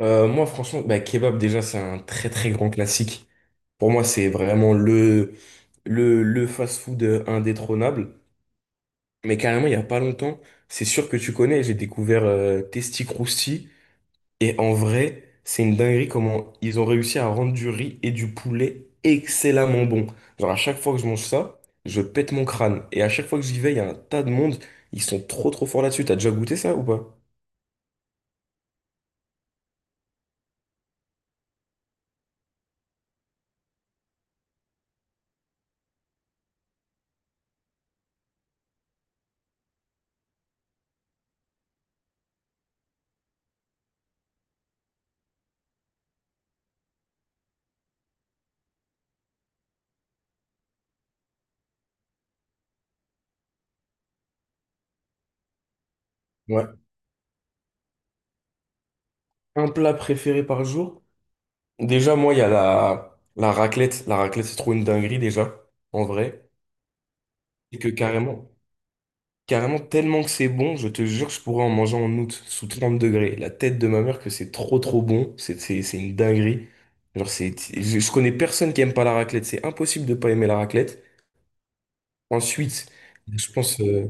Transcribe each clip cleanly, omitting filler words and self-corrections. Moi, franchement, bah, kebab, déjà, c'est un très très grand classique. Pour moi, c'est vraiment le fast-food indétrônable. Mais carrément, il n'y a pas longtemps, c'est sûr que tu connais, j'ai découvert Testi Crousti. Et en vrai, c'est une dinguerie comment ils ont réussi à rendre du riz et du poulet excellemment bon. Genre, à chaque fois que je mange ça, je pète mon crâne. Et à chaque fois que j'y vais, il y a un tas de monde. Ils sont trop trop forts là-dessus. T'as déjà goûté ça ou pas? Ouais. Un plat préféré par jour? Déjà, moi, il y a la raclette. La raclette, c'est trop une dinguerie, déjà, en vrai. Et que carrément, carrément, tellement que c'est bon, je te jure, je pourrais en manger en août, sous 30 degrés. La tête de ma mère que c'est trop, trop bon. C'est une dinguerie. Genre, c'est, je connais personne qui aime pas la raclette. C'est impossible de pas aimer la raclette. Ensuite, je pense.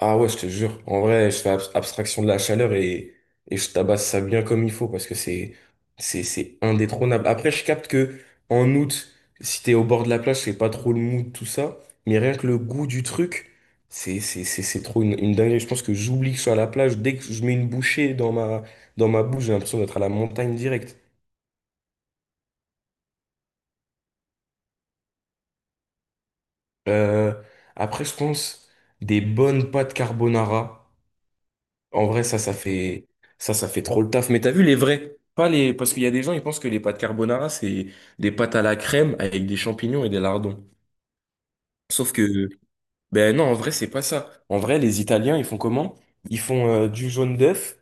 Ah ouais, je te jure. En vrai, je fais abstraction de la chaleur et je tabasse ça bien comme il faut parce que c'est indétrônable. Après, je capte que en août, si t'es au bord de la plage, c'est pas trop le mood, tout ça. Mais rien que le goût du truc, c'est trop une dinguerie. Je pense que j'oublie que je suis à la plage. Dès que je mets une bouchée dans dans ma bouche, j'ai l'impression d'être à la montagne directe. Euh, Après, je pense des bonnes pâtes carbonara. En vrai, ça, ça fait trop le taf. Mais t'as vu les vrais? Pas les, parce qu'il y a des gens, ils pensent que les pâtes carbonara, c'est des pâtes à la crème avec des champignons et des lardons. Sauf que, ben non, en vrai, c'est pas ça. En vrai, les Italiens, ils font comment? Ils font du jaune d'œuf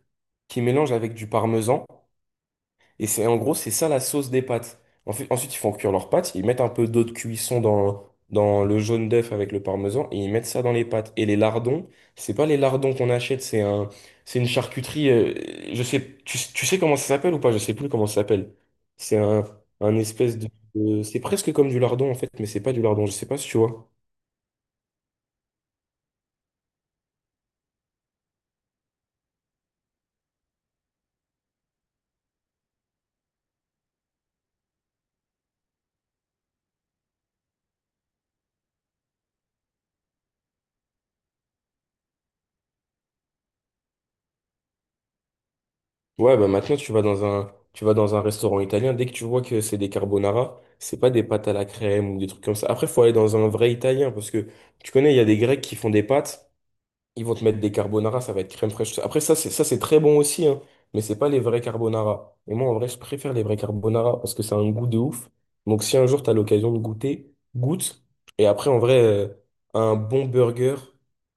qui mélange avec du parmesan. Et c'est ça la sauce des pâtes. Ensuite, ils font cuire leurs pâtes, ils mettent un peu d'eau de cuisson dans, dans le jaune d'œuf avec le parmesan et ils mettent ça dans les pâtes. Et les lardons, c'est pas les lardons qu'on achète, c'est une charcuterie. Je sais, tu sais comment ça s'appelle ou pas? Je sais plus comment ça s'appelle. C'est un espèce c'est presque comme du lardon en fait, mais c'est pas du lardon. Je sais pas si tu vois. Ouais, bah maintenant tu vas dans un restaurant italien, dès que tu vois que c'est des carbonara, c'est pas des pâtes à la crème ou des trucs comme ça. Après, faut aller dans un vrai italien parce que tu connais, il y a des Grecs qui font des pâtes. Ils vont te mettre des carbonara, ça va être crème fraîche. Après, c'est ça, c'est très bon aussi, hein, mais c'est pas les vrais carbonara. Et moi, en vrai, je préfère les vrais carbonara parce que ça a un goût de ouf. Donc, si un jour, tu as l'occasion de goûter, goûte. Et après, en vrai, un bon burger.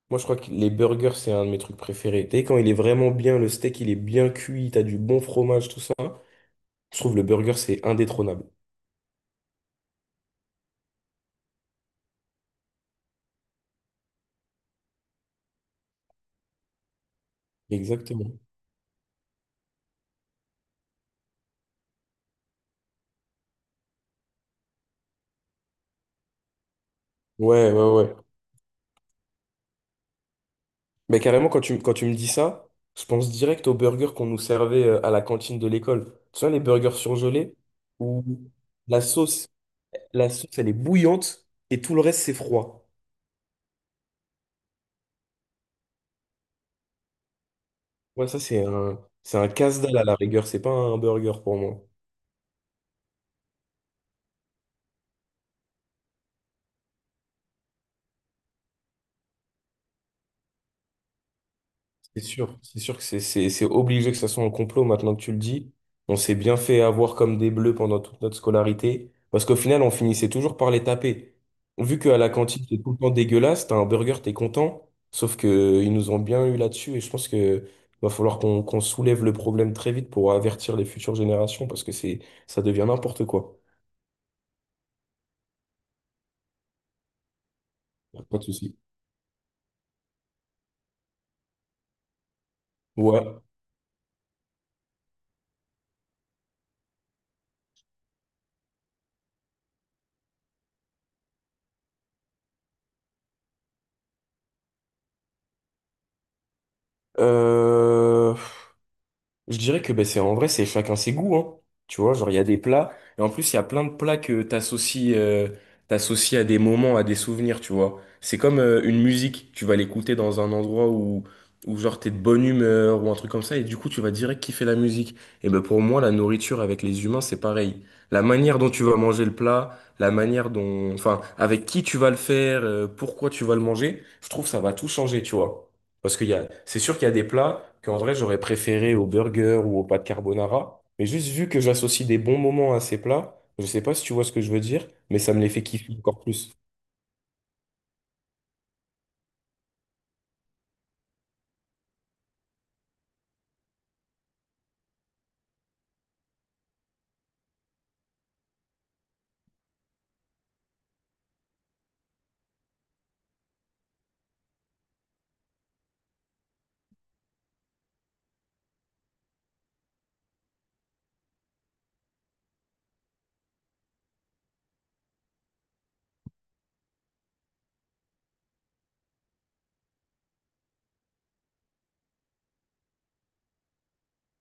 Moi, je crois que les burgers, c'est un de mes trucs préférés. Tu sais, quand il est vraiment bien, le steak, il est bien cuit, t'as du bon fromage, tout ça. Je trouve le burger, c'est indétrônable. Exactement. Ouais, ouais, ouais. Mais carrément, quand tu me dis ça, je pense direct aux burgers qu'on nous servait à la cantine de l'école. Tu vois, les burgers surgelés où la sauce, la sauce, elle est bouillante et tout le reste, c'est froid. Ouais, ça, c'est un casse-dalle à la rigueur. C'est pas un burger pour moi. C'est sûr que c'est obligé que ça soit un complot maintenant que tu le dis. On s'est bien fait avoir comme des bleus pendant toute notre scolarité, parce qu'au final, on finissait toujours par les taper. Vu qu'à la cantine, c'est tout le temps dégueulasse, t'as un burger, t'es content, sauf que ils nous ont bien eu là-dessus, et je pense que va falloir qu'on soulève le problème très vite pour avertir les futures générations, parce que c'est ça devient n'importe quoi. Pas de souci. Ouais. Euh, Je dirais que ben, c'est en vrai, c'est chacun ses goûts, hein. Tu vois, genre il y a des plats, et en plus il y a plein de plats que t'associes à des moments, à des souvenirs, tu vois. C'est comme une musique, tu vas l'écouter dans un endroit où genre t'es de bonne humeur ou un truc comme ça, et du coup tu vas direct kiffer la musique. Et ben pour moi, la nourriture avec les humains, c'est pareil. La manière dont tu vas manger le plat, la manière dont, enfin, avec qui tu vas le faire, pourquoi tu vas le manger, je trouve que ça va tout changer, tu vois. Parce qu'il y a, c'est sûr qu'il y a des plats qu'en vrai j'aurais préféré au burger ou au pâte carbonara, mais juste vu que j'associe des bons moments à ces plats, je sais pas si tu vois ce que je veux dire, mais ça me les fait kiffer encore plus.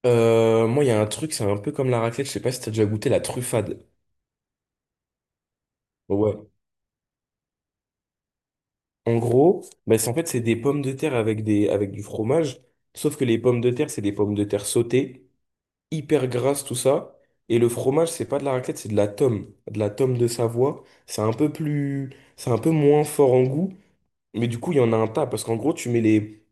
Moi, il y a un truc, c'est un peu comme la raclette, je sais pas si t'as déjà goûté la truffade. Ouais. En gros, bah, c'est en fait c'est des pommes de terre avec des avec du fromage, sauf que les pommes de terre c'est des pommes de terre sautées, hyper grasses tout ça, et le fromage c'est pas de la raclette, c'est de la tome, de la tome de Savoie. C'est un peu moins fort en goût. Mais du coup, il y en a un tas, parce qu'en gros,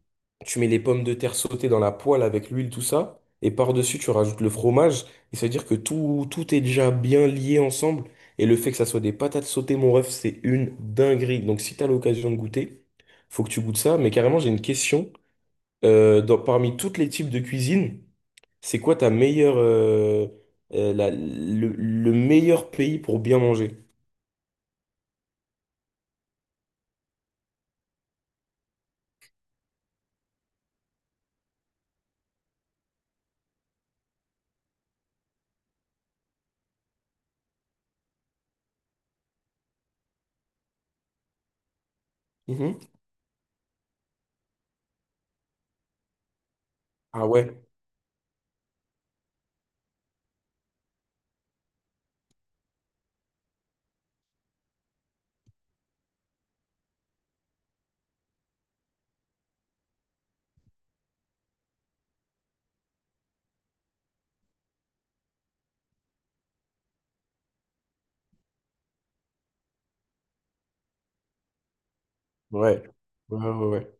tu mets les pommes de terre sautées dans la poêle avec l'huile, tout ça, et par-dessus, tu rajoutes le fromage, et ça veut dire que tout est déjà bien lié ensemble, et le fait que ça soit des patates sautées, mon ref, c'est une dinguerie. Donc si t'as l'occasion de goûter, faut que tu goûtes ça, mais carrément, j'ai une question. Parmi tous les types de cuisine, c'est quoi ta meilleure, le meilleur pays pour bien manger? Mhm. Ah ouais, ouais, ouais, ouais, ouais.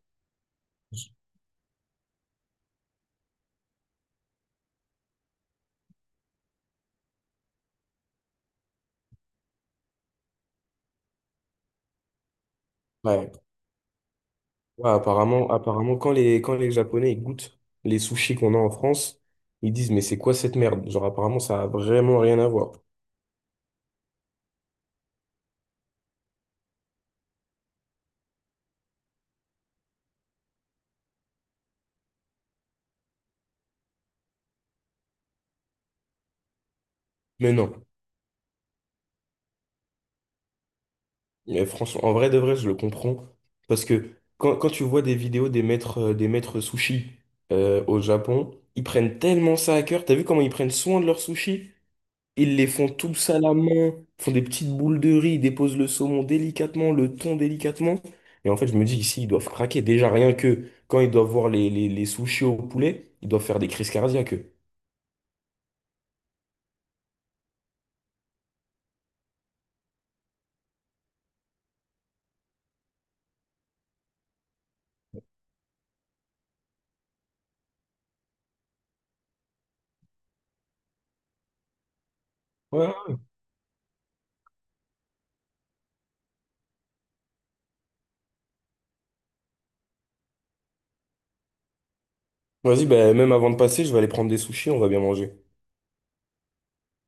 Ouais. Ouais, apparemment, apparemment, quand quand les Japonais ils goûtent les sushis qu'on a en France, ils disent, mais c'est quoi cette merde? Genre, apparemment, ça a vraiment rien à voir. Mais non. Mais franchement, en vrai de vrai, je le comprends. Parce que quand tu vois des vidéos des maîtres sushis au Japon, ils prennent tellement ça à cœur. T'as vu comment ils prennent soin de leurs sushis? Ils les font tous à la main, font des petites boules de riz, ils déposent le saumon délicatement, le thon délicatement. Et en fait, je me dis ici, ils doivent craquer. Déjà, rien que quand ils doivent voir les sushis au poulet, ils doivent faire des crises cardiaques. Eux. Ouais. Vas-y, bah, même avant de passer, je vais aller prendre des sushis, on va bien manger.